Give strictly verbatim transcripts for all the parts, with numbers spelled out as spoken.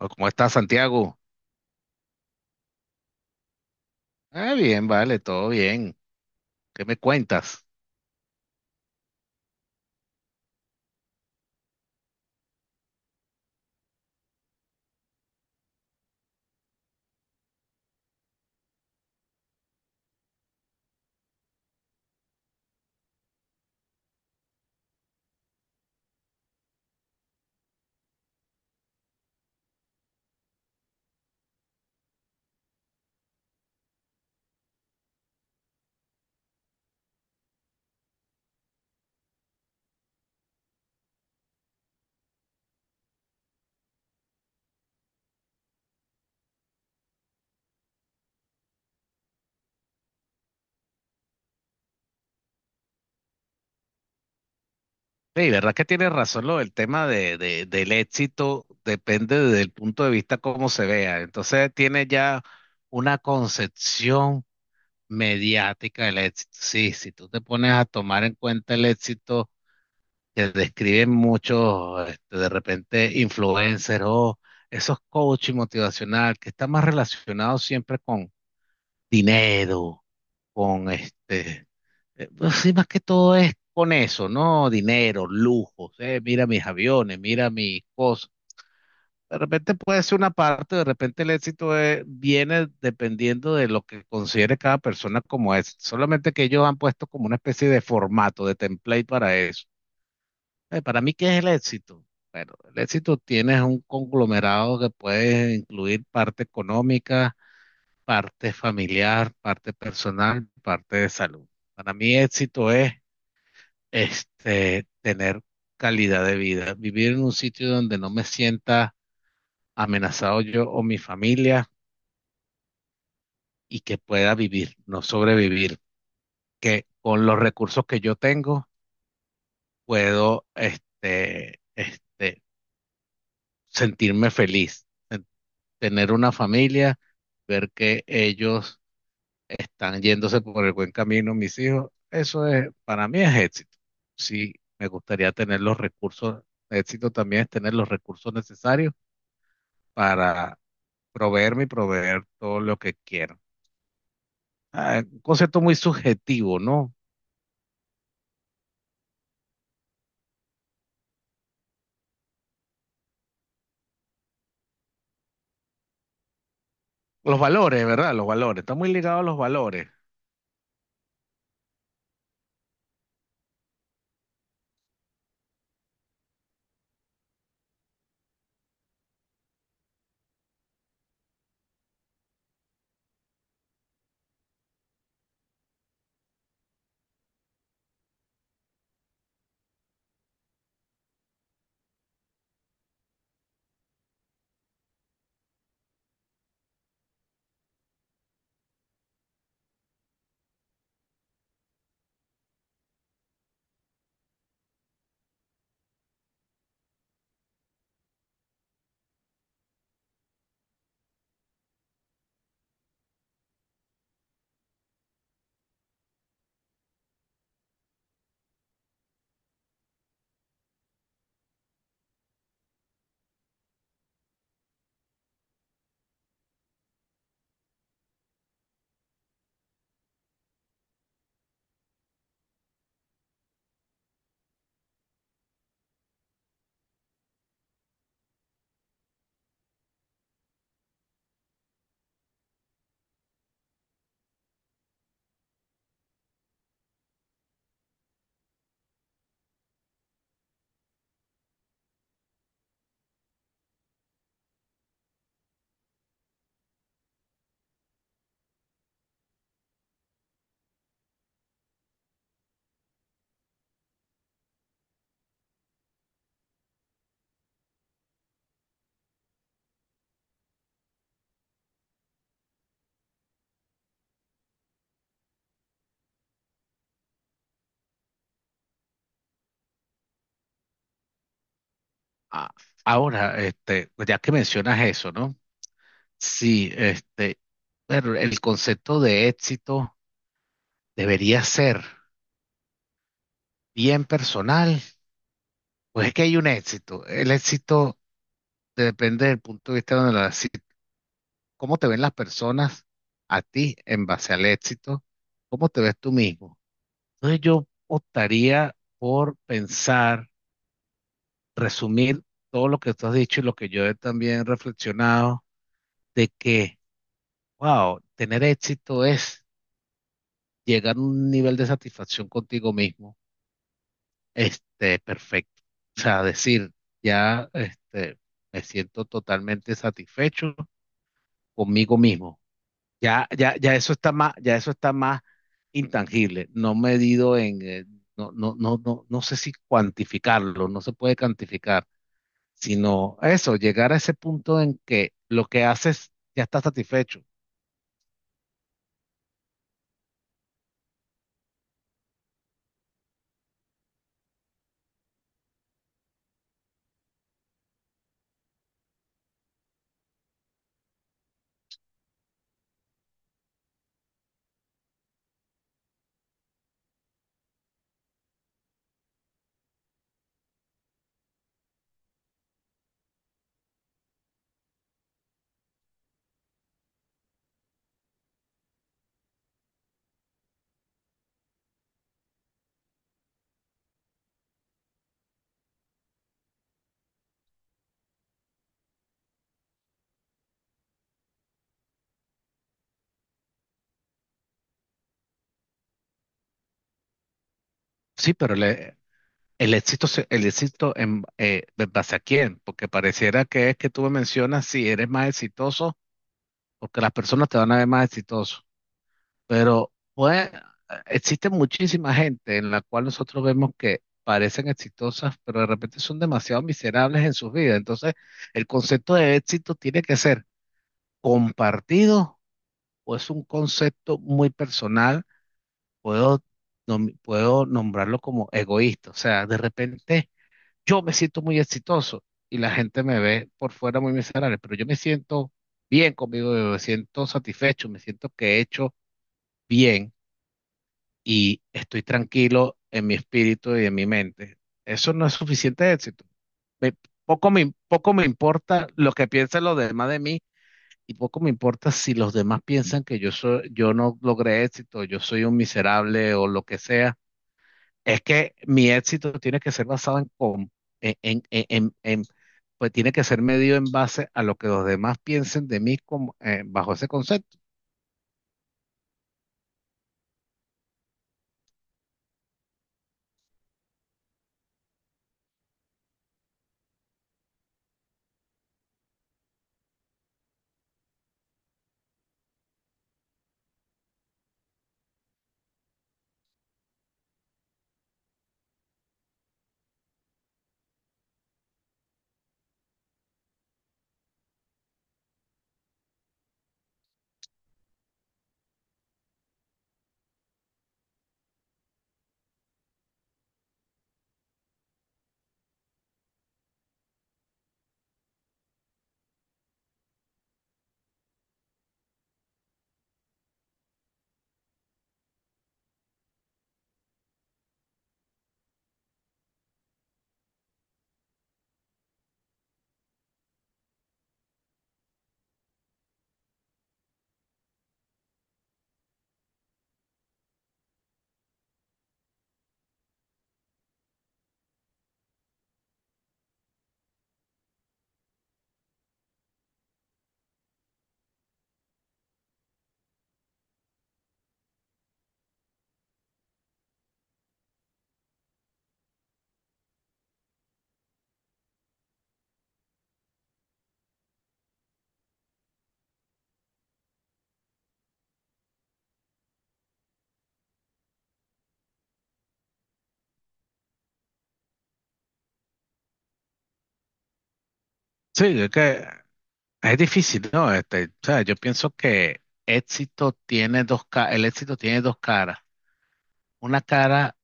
Oh, ¿cómo estás, Santiago? Ah, bien, vale, todo bien. ¿Qué me cuentas? Sí, verdad que tienes razón lo del tema de, de- del éxito, depende del punto de vista cómo se vea. Entonces tiene ya una concepción mediática del éxito. Sí, si tú te pones a tomar en cuenta el éxito que describen muchos, este, de repente, influencers o esos coaching motivacional que está más relacionado siempre con dinero, con este Eh, pues sí, más que todo es con eso, ¿no? Dinero, lujos, eh, mira mis aviones, mira mis cosas. De repente puede ser una parte, de repente el éxito es- viene dependiendo de lo que considere cada persona como es. Solamente que ellos han puesto como una especie de formato, de template para eso. Eh, para mí, ¿qué es el éxito? Bueno, el éxito tiene un conglomerado que puede incluir parte económica, parte familiar, parte personal, parte de salud. Para mí, éxito es este, tener calidad de vida, vivir en un sitio donde no me sienta amenazado yo o mi familia y que pueda vivir, no sobrevivir, que con los recursos que yo tengo puedo este, este, sentirme feliz, en- tener una familia, ver que ellos están yéndose por el buen camino, mis hijos, eso es, para mí es éxito. Sí, me gustaría tener los recursos, éxito también es tener los recursos necesarios para proveerme y proveer todo lo que quiero. Ah, un concepto muy subjetivo, ¿no? Los valores, ¿verdad? Los valores, está muy ligado a los valores. Ah, ahora, este, ya que mencionas eso, ¿no? Sí, este, pero el concepto de éxito debería ser bien personal. Pues es que hay un éxito. El éxito depende del punto de vista donde la, si- cómo te ven las personas a ti en base al éxito, cómo te ves tú mismo. Entonces yo optaría por pensar, resumir todo lo que tú has dicho y lo que yo he también reflexionado, de que, wow, tener éxito es llegar a un nivel de satisfacción contigo mismo, este, perfecto. O sea, decir, ya, este, me siento totalmente satisfecho conmigo mismo. Ya, ya, ya eso está más, ya eso está más intangible, no medido en, eh, no, no, no, no, no sé si cuantificarlo, no se puede cuantificar sino eso, llegar a ese punto en que lo que haces ya está satisfecho. Sí, pero le- el éxito, se- el éxito en, eh, ¿en base a quién? Porque pareciera que es que tú me mencionas si eres más exitoso, porque las personas te van a ver más exitoso. Pero pues, existe muchísima gente en la cual nosotros vemos que parecen exitosas, pero de repente son demasiado miserables en sus vidas. Entonces, el concepto de éxito tiene que ser compartido o es un concepto muy personal puedo, nom- puedo nombrarlo como egoísta. O sea, de repente yo me siento muy exitoso y la gente me ve por fuera muy miserable, pero yo me siento bien conmigo, yo me siento satisfecho, me siento que he hecho bien y estoy tranquilo en mi espíritu y en mi mente. Eso no es suficiente éxito. Me- poco me, poco me importa lo que piensen los demás de mí. Y poco me importa si los demás piensan que yo soy, yo no logré éxito, yo soy un miserable o lo que sea. Es que mi éxito tiene que ser basado en, com- en, en- en- en- en- pues tiene que ser medido en base a lo que los demás piensen de mí como, eh, bajo ese concepto. Sí, es que es difícil, ¿no? Este, o sea, yo pienso que éxito tiene dos, ca- el éxito tiene dos caras. Una cara,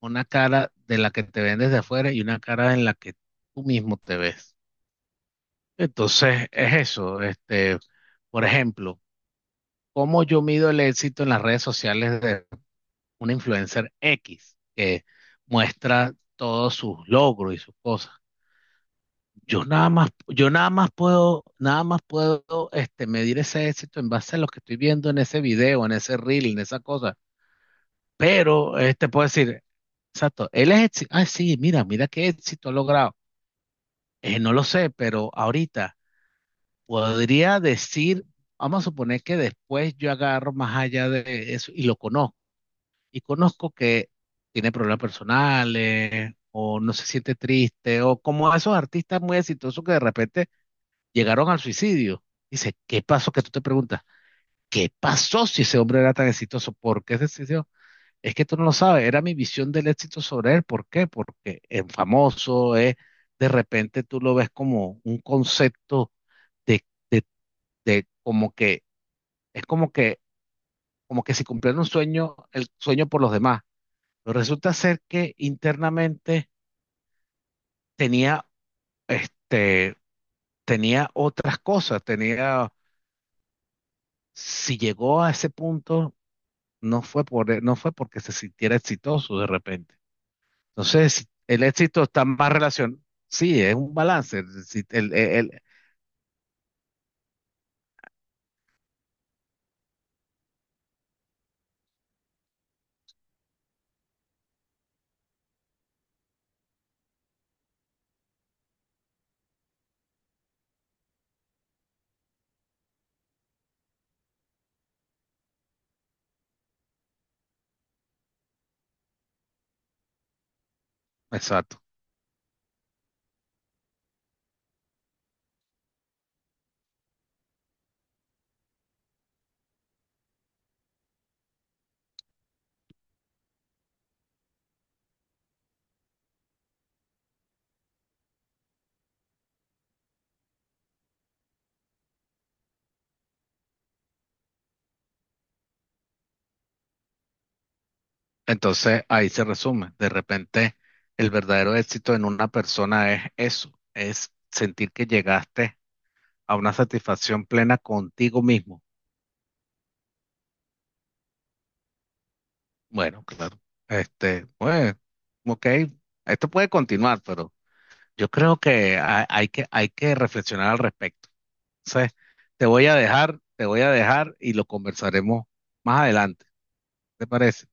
una cara de la que te ven desde afuera y una cara en la que tú mismo te ves. Entonces, es eso. Este, por ejemplo, ¿cómo yo mido el éxito en las redes sociales una influencer X que muestra todos sus logros y sus cosas? Yo nada más, yo nada más puedo, nada más puedo este, medir ese éxito en base a lo que estoy viendo en ese video, en ese reel, en esa cosa. Pero este puedo decir, exacto, él es éxito. Ah, sí, mira, mira qué éxito ha logrado. Eh, no lo sé, pero ahorita podría decir, vamos a suponer que después yo agarro más allá de eso y lo conozco y conozco que tiene problemas personales o no se siente triste o como esos artistas muy exitosos que de repente llegaron al suicidio. Dice, ¿qué pasó? Que tú te preguntas, ¿qué pasó si ese hombre era tan exitoso? ¿Por qué se decidió? Es que tú no lo sabes, era mi visión del éxito sobre él. ¿Por qué? Porque es famoso, es, de repente tú lo ves como un concepto de, de como que, es como que, como que si cumplieran un sueño, el sueño por los demás. Pero resulta ser que internamente tenía, este, tenía otras cosas, tenía, si llegó a ese punto, no fue por, e, no fue porque se sintiera exitoso de repente. Entonces, si el éxito está más relacionado, sí, es un balance, si el, el- el- exacto. Entonces, ahí se resume, de repente, el verdadero éxito en una persona es eso, es sentir que llegaste a una satisfacción plena contigo mismo. Bueno, claro. Este, pues, ok, esto puede continuar, pero yo creo que ha- hay que, hay que reflexionar al respecto. Entonces, te voy a dejar, te voy a dejar y lo conversaremos más adelante. ¿Te parece?